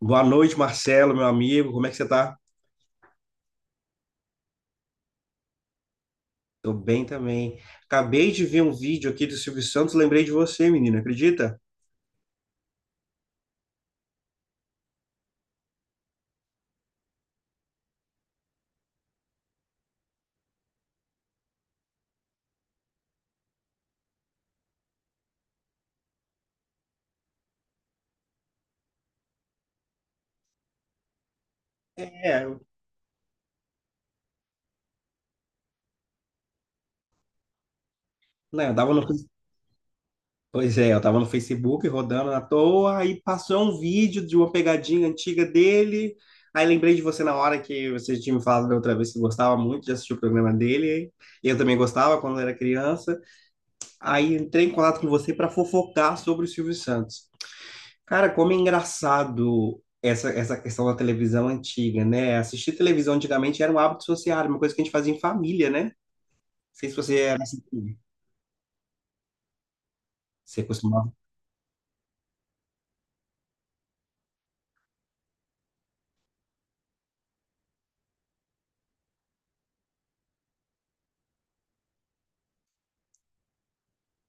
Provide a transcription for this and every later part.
Boa noite, Marcelo, meu amigo. Como é que você tá? Tô bem também. Acabei de ver um vídeo aqui do Silvio Santos, lembrei de você, menino, acredita? É, eu- né, eu tava no, pois é, eu tava no Facebook rodando na toa, aí passou um vídeo de uma pegadinha antiga dele. Aí lembrei de você na hora que você tinha me falado da outra vez que gostava muito de assistir o programa dele. E eu também gostava quando era criança. Aí entrei em contato com você para fofocar sobre o Silvio Santos. Cara, como é engraçado essa questão da televisão antiga, né? Assistir televisão antigamente era um hábito social, uma coisa que a gente fazia em família, né? Não sei se você era assim. Você costumava.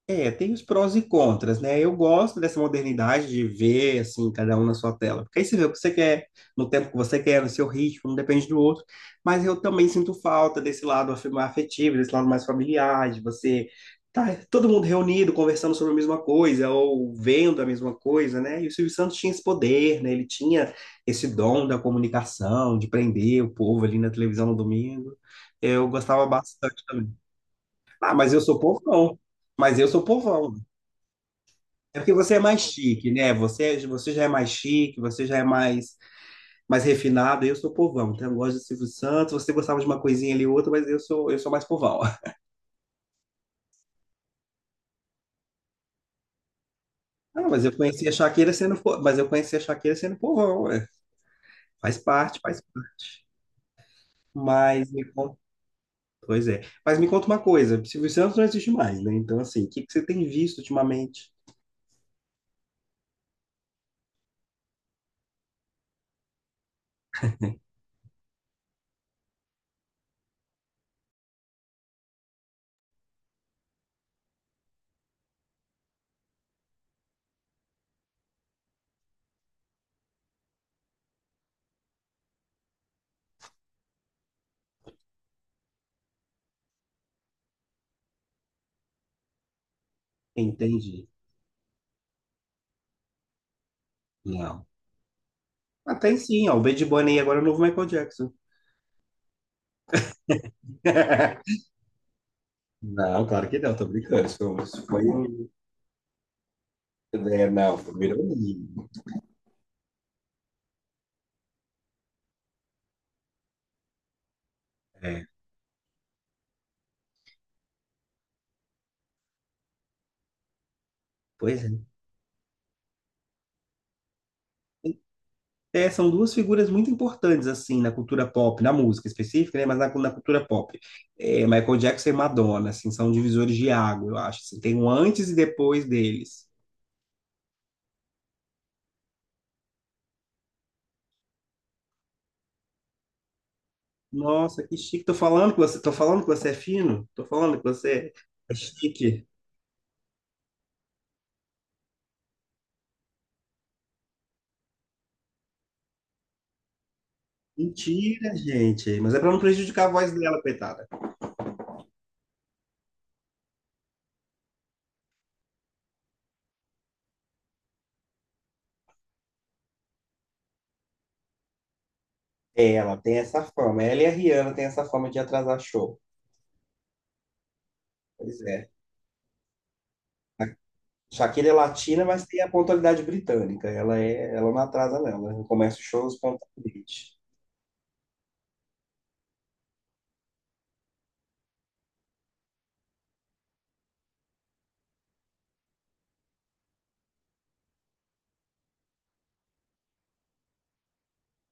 É, tem os prós e contras, né? Eu gosto dessa modernidade de ver, assim, cada um na sua tela. Porque aí você vê o que você quer, no tempo que você quer, no seu ritmo, não depende do outro. Mas eu também sinto falta desse lado afetivo, desse lado mais familiar, de você tá todo mundo reunido, conversando sobre a mesma coisa, ou vendo a mesma coisa, né? E o Silvio Santos tinha esse poder, né? Ele tinha esse dom da comunicação, de prender o povo ali na televisão no domingo. Eu gostava bastante também. Ah, mas eu sou povão. Mas eu sou povão. É porque você é mais chique, né? Você já é mais chique, você já é mais refinado. Eu sou povão, então eu gosto de Silvio Santos. Você gostava de uma coisinha ali e outra, mas eu sou mais povão. Ah, mas eu conheci a Shakira sendo povão, ué. Faz parte, faz parte. Mas me conta, pois é. Mas me conta uma coisa, Silvio Santos não existe mais, né? Então assim, o que que você tem visto ultimamente? Entendi. Não. Até sim, ó, o Bad Bunny agora é o novo Michael Jackson. Não, claro que não, tô brincando. Isso foi um É, não, virou meme. É, pois é. É, são duas figuras muito importantes, assim, na cultura pop, na música específica, né? Mas na, na cultura pop. É, Michael Jackson e Madonna, assim, são divisores de água, eu acho, assim. Tem um antes e depois deles. Nossa, que chique. Tô falando que você é fino? Tô falando que você é chique. Mentira, gente. Mas é pra não prejudicar a voz dela, coitada. É, ela tem essa fama. Ela e a Rihanna têm essa fama de atrasar show. Pois é. Shakira é latina, mas tem a pontualidade britânica. Ela não atrasa, não. Ela começa os shows pontualmente.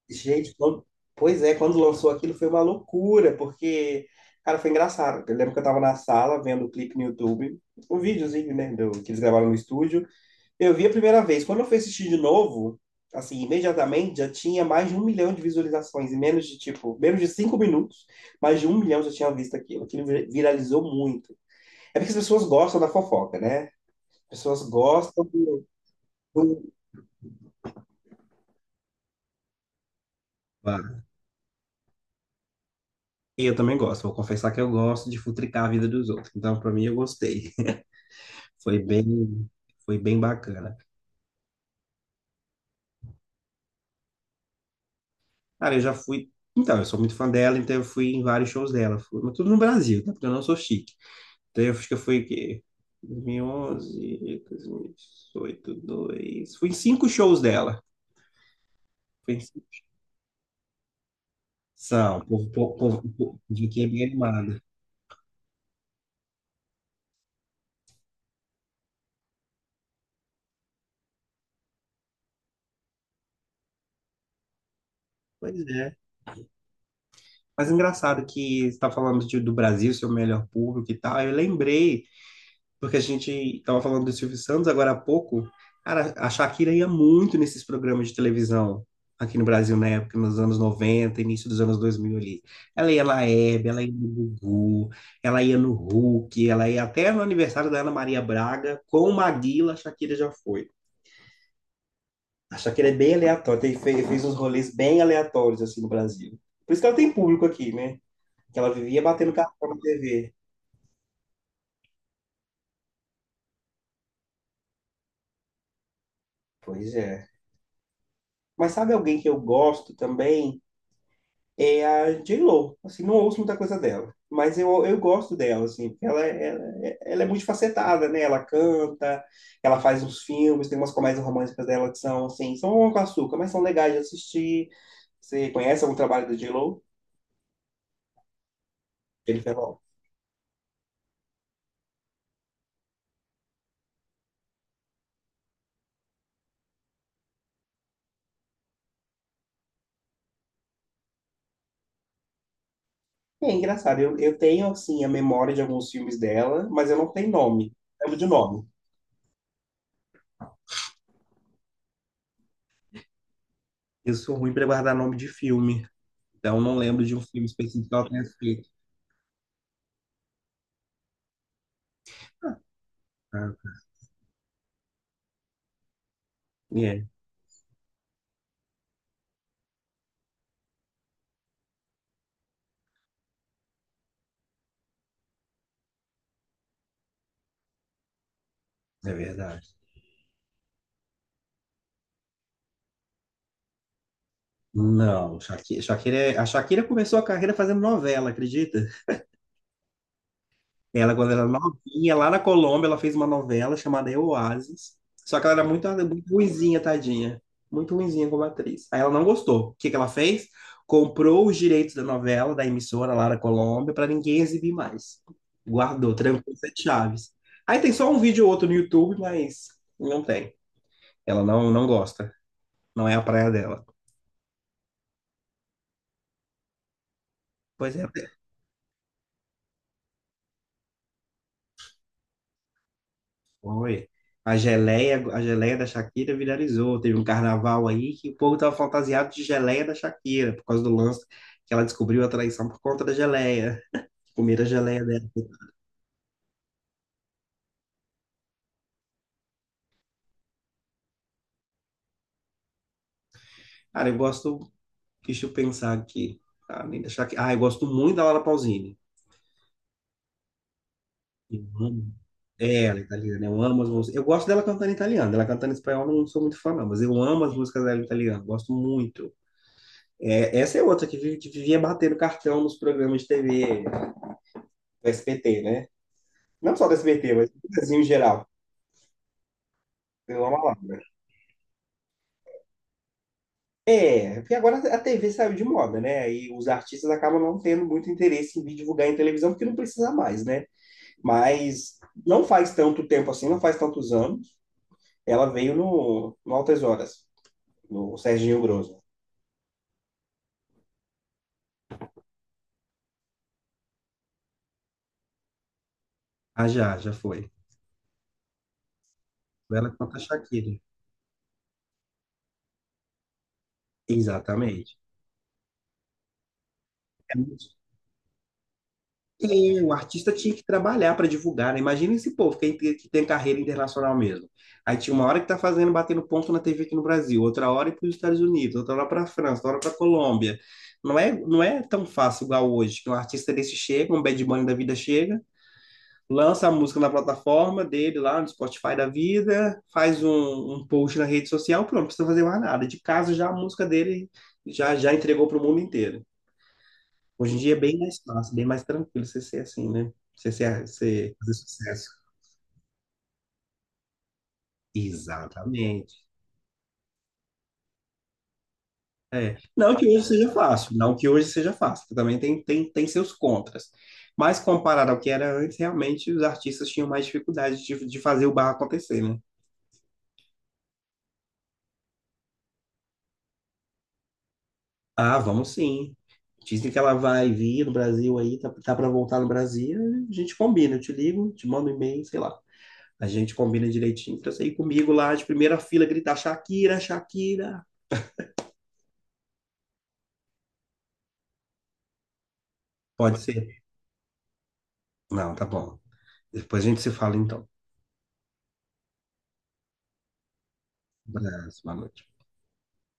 Gente, quando- Pois é, quando lançou aquilo foi uma loucura, porque, cara, foi engraçado. Eu lembro que eu tava na sala vendo o clipe no YouTube, o videozinho, né, que eles gravaram no estúdio. Eu vi a primeira vez. Quando eu fui assistir de novo, assim, imediatamente já tinha mais de 1 milhão de visualizações, em menos de, tipo, menos de 5 minutos, mais de 1 milhão já tinha visto aquilo. Aquilo viralizou muito. É porque as pessoas gostam da fofoca, né? Pessoas gostam do. Claro. E eu também gosto, vou confessar que eu gosto de futricar a vida dos outros. Então, pra mim, eu gostei. Foi bem, foi bem bacana. Cara, eu já fui. Então, eu sou muito fã dela, então eu fui em vários shows dela. Fui, mas tudo no Brasil, tá? Porque eu não sou chique. Então, eu acho que eu fui o quê? 2011, 2018, dois. mil e dezoito, dois. Fui em cinco shows dela. Fui em cinco. São, o povo, povo, povo, povo de que é bem animada. Pois é. Mas engraçado que você está falando do Brasil, seu melhor público e tal. Eu lembrei, porque a gente estava falando do Silvio Santos agora há pouco. Cara, a Shakira ia muito nesses programas de televisão aqui no Brasil na época, nos anos 90, início dos anos 2000 ali. Ela ia na Hebe, ela ia no Gugu, ela ia no Hulk, ela ia até no aniversário da Ana Maria Braga, com o Maguila, a Shakira já foi. A Shakira é bem aleatória, fez uns rolês bem aleatórios assim no Brasil. Por isso que ela tem público aqui, né? Que ela vivia batendo cartão na TV. Pois é. Mas sabe alguém que eu gosto também? É a J Lo. Assim, não ouço muita coisa dela. Mas eu gosto dela, assim. Porque ela é multifacetada, né? Ela canta, ela faz uns filmes, tem umas comédias românticas dela que assim, são um com açúcar, mas são legais de assistir. Você conhece algum trabalho da J.Lo? Jennifer Lopez? É engraçado. Eu tenho, assim, a memória de alguns filmes dela, mas eu não tenho nome. Lembro de nome. Eu sou ruim para guardar nome de filme. Então, não lembro de um filme específico que ela tenha feito. Ah, é, é verdade. Não, a Shakira começou a carreira fazendo novela, acredita? Ela, quando era novinha, lá na Colômbia, ela fez uma novela chamada Eu, Oasis. Só que ela era muito, muito ruinzinha, tadinha. Muito ruinzinha como atriz. Aí ela não gostou. O que que ela fez? Comprou os direitos da novela, da emissora lá na Colômbia, para ninguém exibir mais. Guardou, trancou sete chaves. Aí tem só um vídeo ou outro no YouTube, mas não tem. Ela não, não gosta. Não é a praia dela. Pois é, foi. A geleia da Shakira viralizou. Teve um carnaval aí que o povo estava fantasiado de geleia da Shakira, por causa do lance que ela descobriu a traição por conta da geleia. Comer a geleia dela. Cara, eu gosto, deixa eu pensar aqui. Ah, eu gosto muito da Laura Pausini. Eu amo. É, ela é italiana, eu amo as músicas. Eu gosto dela cantando em italiano, ela cantando em espanhol, eu não sou muito fã, não, mas eu amo as músicas dela em italiano, gosto muito. É, essa é outra que vivia batendo cartão nos programas de TV do SBT, né? Não só do SBT, mas do Brasil em geral. Deu uma palavra. É, porque agora a TV saiu de moda, né? E os artistas acabam não tendo muito interesse em vir divulgar em televisão, porque não precisa mais, né? Mas não faz tanto tempo assim, não faz tantos anos. Ela veio no Altas Horas, no Serginho Grosso. Ah, já, já foi. Ela contra a Shakira. Exatamente. Sim, o artista tinha que trabalhar para divulgar, né? Imagina esse povo que tem carreira internacional mesmo. Aí tinha uma hora que tá fazendo, batendo ponto na TV aqui no Brasil, outra hora para os Estados Unidos, outra hora para a França, outra hora para a Colômbia. Não é tão fácil igual hoje, que um artista desse chega, um Bad Bunny da vida chega, lança a música na plataforma dele lá no Spotify da vida, faz um post na rede social, pronto, não precisa fazer mais nada. De casa já a música dele já entregou para o mundo inteiro. Hoje em dia é bem mais fácil, bem mais tranquilo você ser assim, né? Você fazer sucesso. Exatamente. É. Não que hoje seja fácil, não que hoje seja fácil, que também tem seus contras. Mas comparado ao que era antes, realmente os artistas tinham mais dificuldade de fazer o barro acontecer, né? Ah, vamos sim. Dizem que ela vai vir no Brasil aí, tá para voltar no Brasil, a gente combina, eu te ligo, te mando um e-mail, sei lá. A gente combina direitinho pra você ir comigo lá de primeira fila gritar Shakira, Shakira. Pode ser. Não, tá bom. Depois a gente se fala então. Um abraço, boa noite.